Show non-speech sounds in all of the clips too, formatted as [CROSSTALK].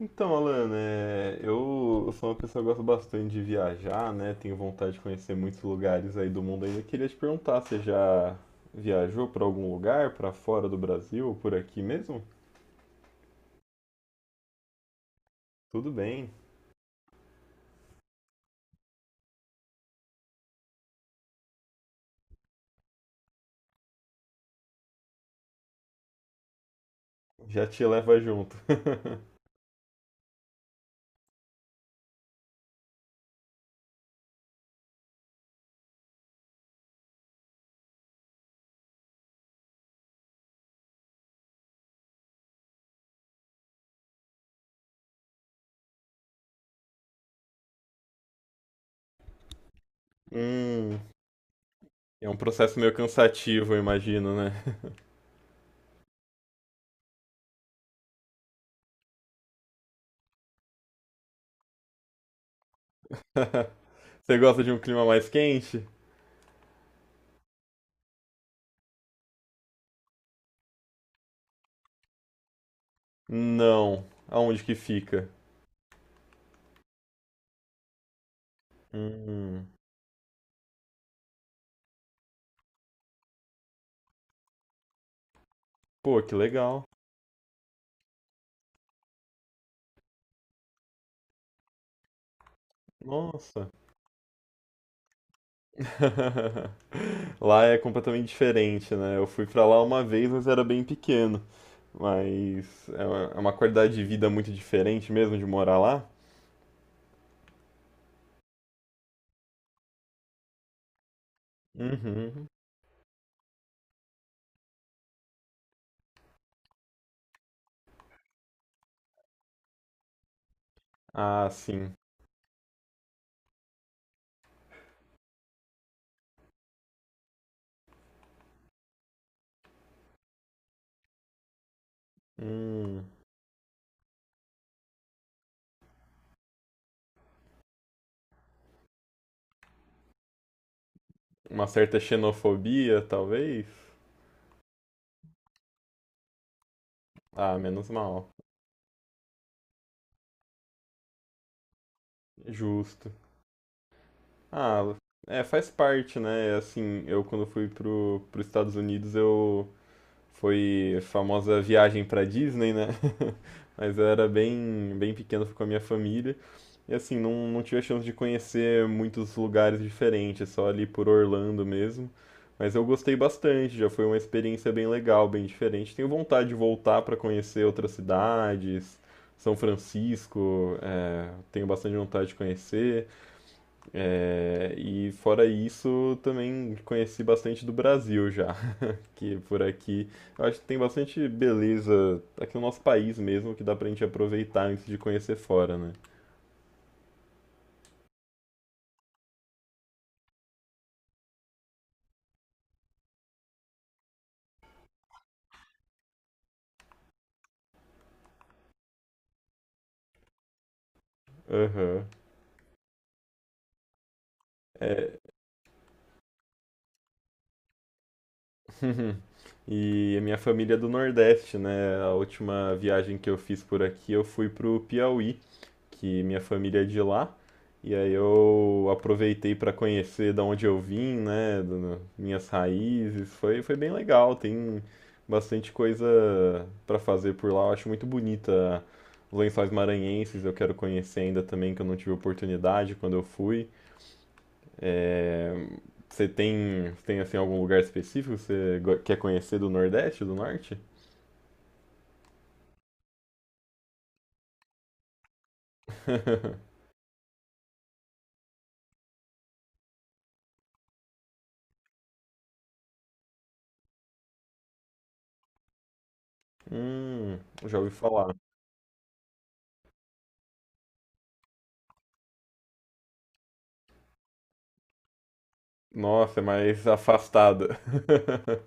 Então, Alan, eu sou uma pessoa que gosta bastante de viajar, né? Tenho vontade de conhecer muitos lugares aí do mundo ainda. Queria te perguntar, você já viajou para algum lugar, para fora do Brasil, ou por aqui mesmo? Tudo bem, já te leva junto. [LAUGHS] Hum, é um processo meio cansativo, eu imagino, né? [LAUGHS] Você gosta de um clima mais quente? Não. Aonde que fica? Hum, pô, que legal. Nossa. [LAUGHS] Lá é completamente diferente, né? Eu fui pra lá uma vez, mas era bem pequeno. Mas é uma qualidade de vida muito diferente mesmo de morar lá. Uhum. Ah, sim. Hum. Uma certa xenofobia, talvez. Ah, menos mal. Justo. Ah, é, faz parte, né? É Assim, eu quando fui pros Estados Unidos, eu foi a famosa viagem pra Disney, né? Mas eu era bem pequeno, fui com a minha família. E assim, não tive a chance de conhecer muitos lugares diferentes, só ali por Orlando mesmo. Mas eu gostei bastante, já foi uma experiência bem legal, bem diferente. Tenho vontade de voltar para conhecer outras cidades, São Francisco, tenho bastante vontade de conhecer. É, e fora isso, também conheci bastante do Brasil já que por aqui. Eu acho que tem bastante beleza aqui no nosso país mesmo que dá pra gente aproveitar antes de conhecer fora, né? Aham. É. [LAUGHS] E a minha família é do Nordeste, né? A última viagem que eu fiz por aqui, eu fui pro Piauí, que minha família é de lá. E aí eu aproveitei para conhecer da onde eu vim, né, minhas raízes. Foi bem legal, tem bastante coisa para fazer por lá. Eu acho muito bonita os Lençóis Maranhenses, eu quero conhecer ainda também, que eu não tive oportunidade quando eu fui. É, você tem assim algum lugar específico que você quer conhecer do Nordeste, do Norte? [LAUGHS] Hum, já ouvi falar. Nossa, é mais afastada. [LAUGHS]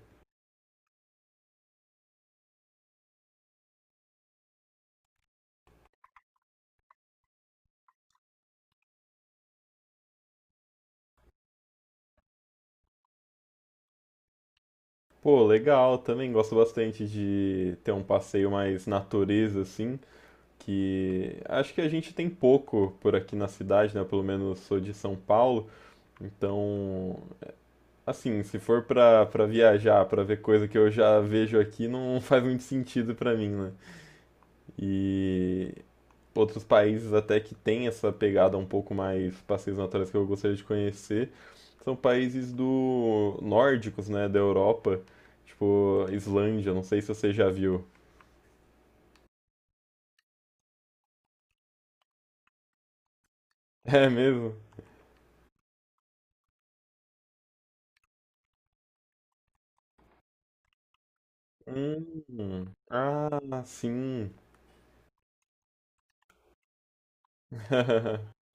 Pô, legal, também gosto bastante de ter um passeio mais natureza, assim, que acho que a gente tem pouco por aqui na cidade, né? Pelo menos sou de São Paulo, então, assim, se for pra viajar, pra ver coisa que eu já vejo aqui, não [LAUGHS] faz muito sentido pra mim, né? E outros países até que têm essa pegada um pouco mais passeios naturais que eu gostaria de conhecer são países do nórdicos, né, da Europa, tipo Islândia, não sei se você já viu. [LAUGHS] É mesmo? Hum. Ah, sim. [LAUGHS]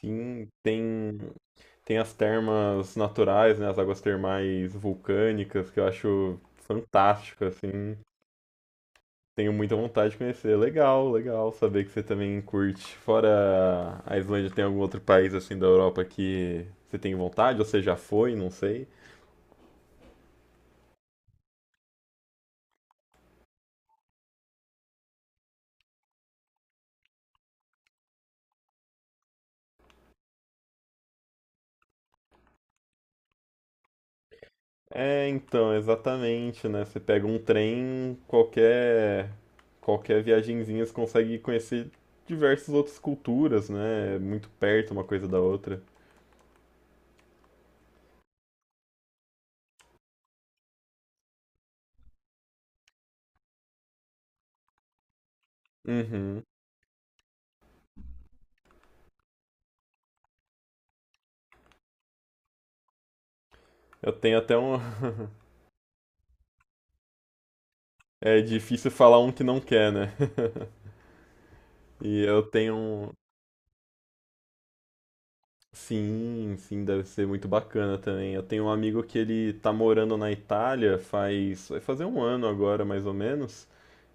Sim, tem as termas naturais, né, as águas termais vulcânicas que eu acho fantástico assim. Tenho muita vontade de conhecer. Legal, legal saber que você também curte. Fora a Islândia, tem algum outro país assim da Europa que você tem vontade, ou você já foi, não sei. É, então, exatamente, né? Você pega um trem, qualquer viagenzinha você consegue conhecer diversas outras culturas, né? É Muito perto uma coisa da outra. Uhum. Eu tenho até um [LAUGHS] é difícil falar um que não quer, né? [LAUGHS] E eu tenho um sim, sim, deve ser muito bacana também. Eu tenho um amigo que ele tá morando na Itália faz, vai fazer um ano agora, mais ou menos,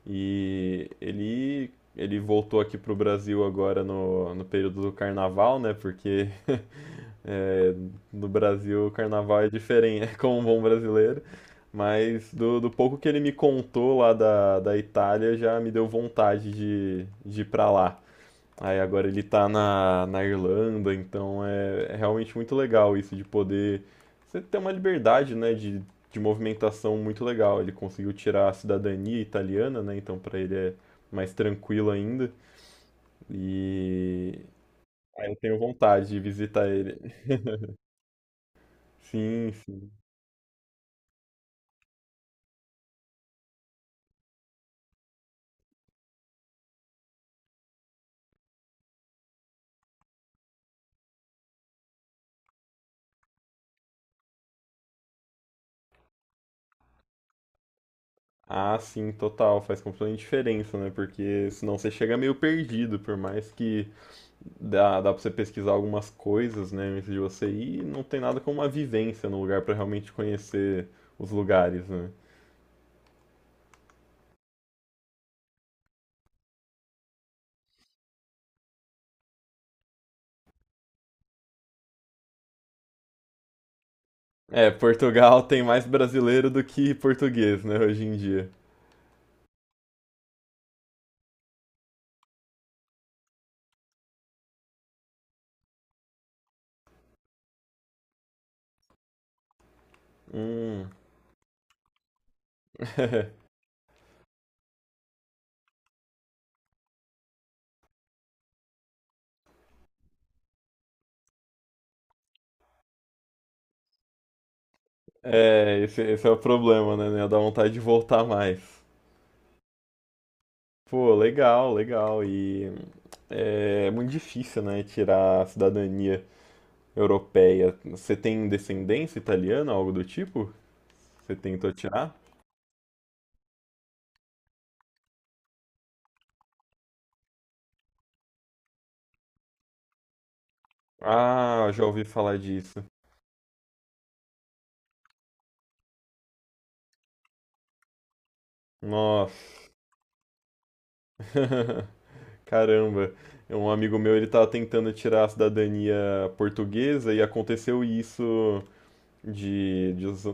e ele voltou aqui pro Brasil agora no período do carnaval, né? Porque [LAUGHS] é, no Brasil o carnaval é diferente, [LAUGHS] como um bom brasileiro. Mas do pouco que ele me contou lá da Itália, já me deu vontade de ir pra lá. Aí agora ele tá na Irlanda, então é realmente muito legal isso de poder. Você ter uma liberdade, né, de movimentação muito legal. Ele conseguiu tirar a cidadania italiana, né, então pra ele é mais tranquilo ainda. E aí eu tenho vontade de visitar ele. [LAUGHS] Sim, sim. Ah, sim, total. Faz completamente diferença, né? Porque senão você chega meio perdido, por mais que dá pra você pesquisar algumas coisas, né, antes de você ir, e não tem nada como uma vivência no lugar pra realmente conhecer os lugares, né? É, Portugal tem mais brasileiro do que português, né, hoje em dia. Hum. [LAUGHS] É, esse é o problema, né? Dá vontade de voltar mais. Pô, legal, legal. E é, é muito difícil, né, tirar a cidadania europeia. Você tem descendência italiana, algo do tipo? Você tentou tirar? Ah, já ouvi falar disso. Nossa. [LAUGHS] Caramba. Um amigo meu, ele tava tentando tirar a cidadania portuguesa e aconteceu isso de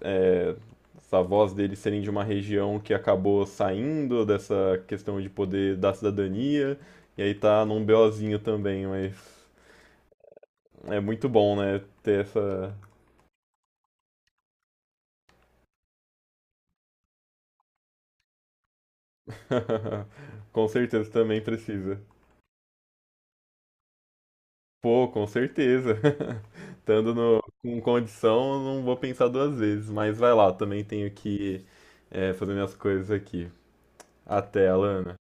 é, os avós dele serem de uma região que acabou saindo dessa questão de poder da cidadania. E aí tá num BOzinho também, mas é muito bom, né? Ter essa. [LAUGHS] Com certeza também precisa. Pô, com certeza. [LAUGHS] Estando com condição, não vou pensar duas vezes. Mas vai lá, também tenho que fazer minhas coisas aqui. Até, Alana.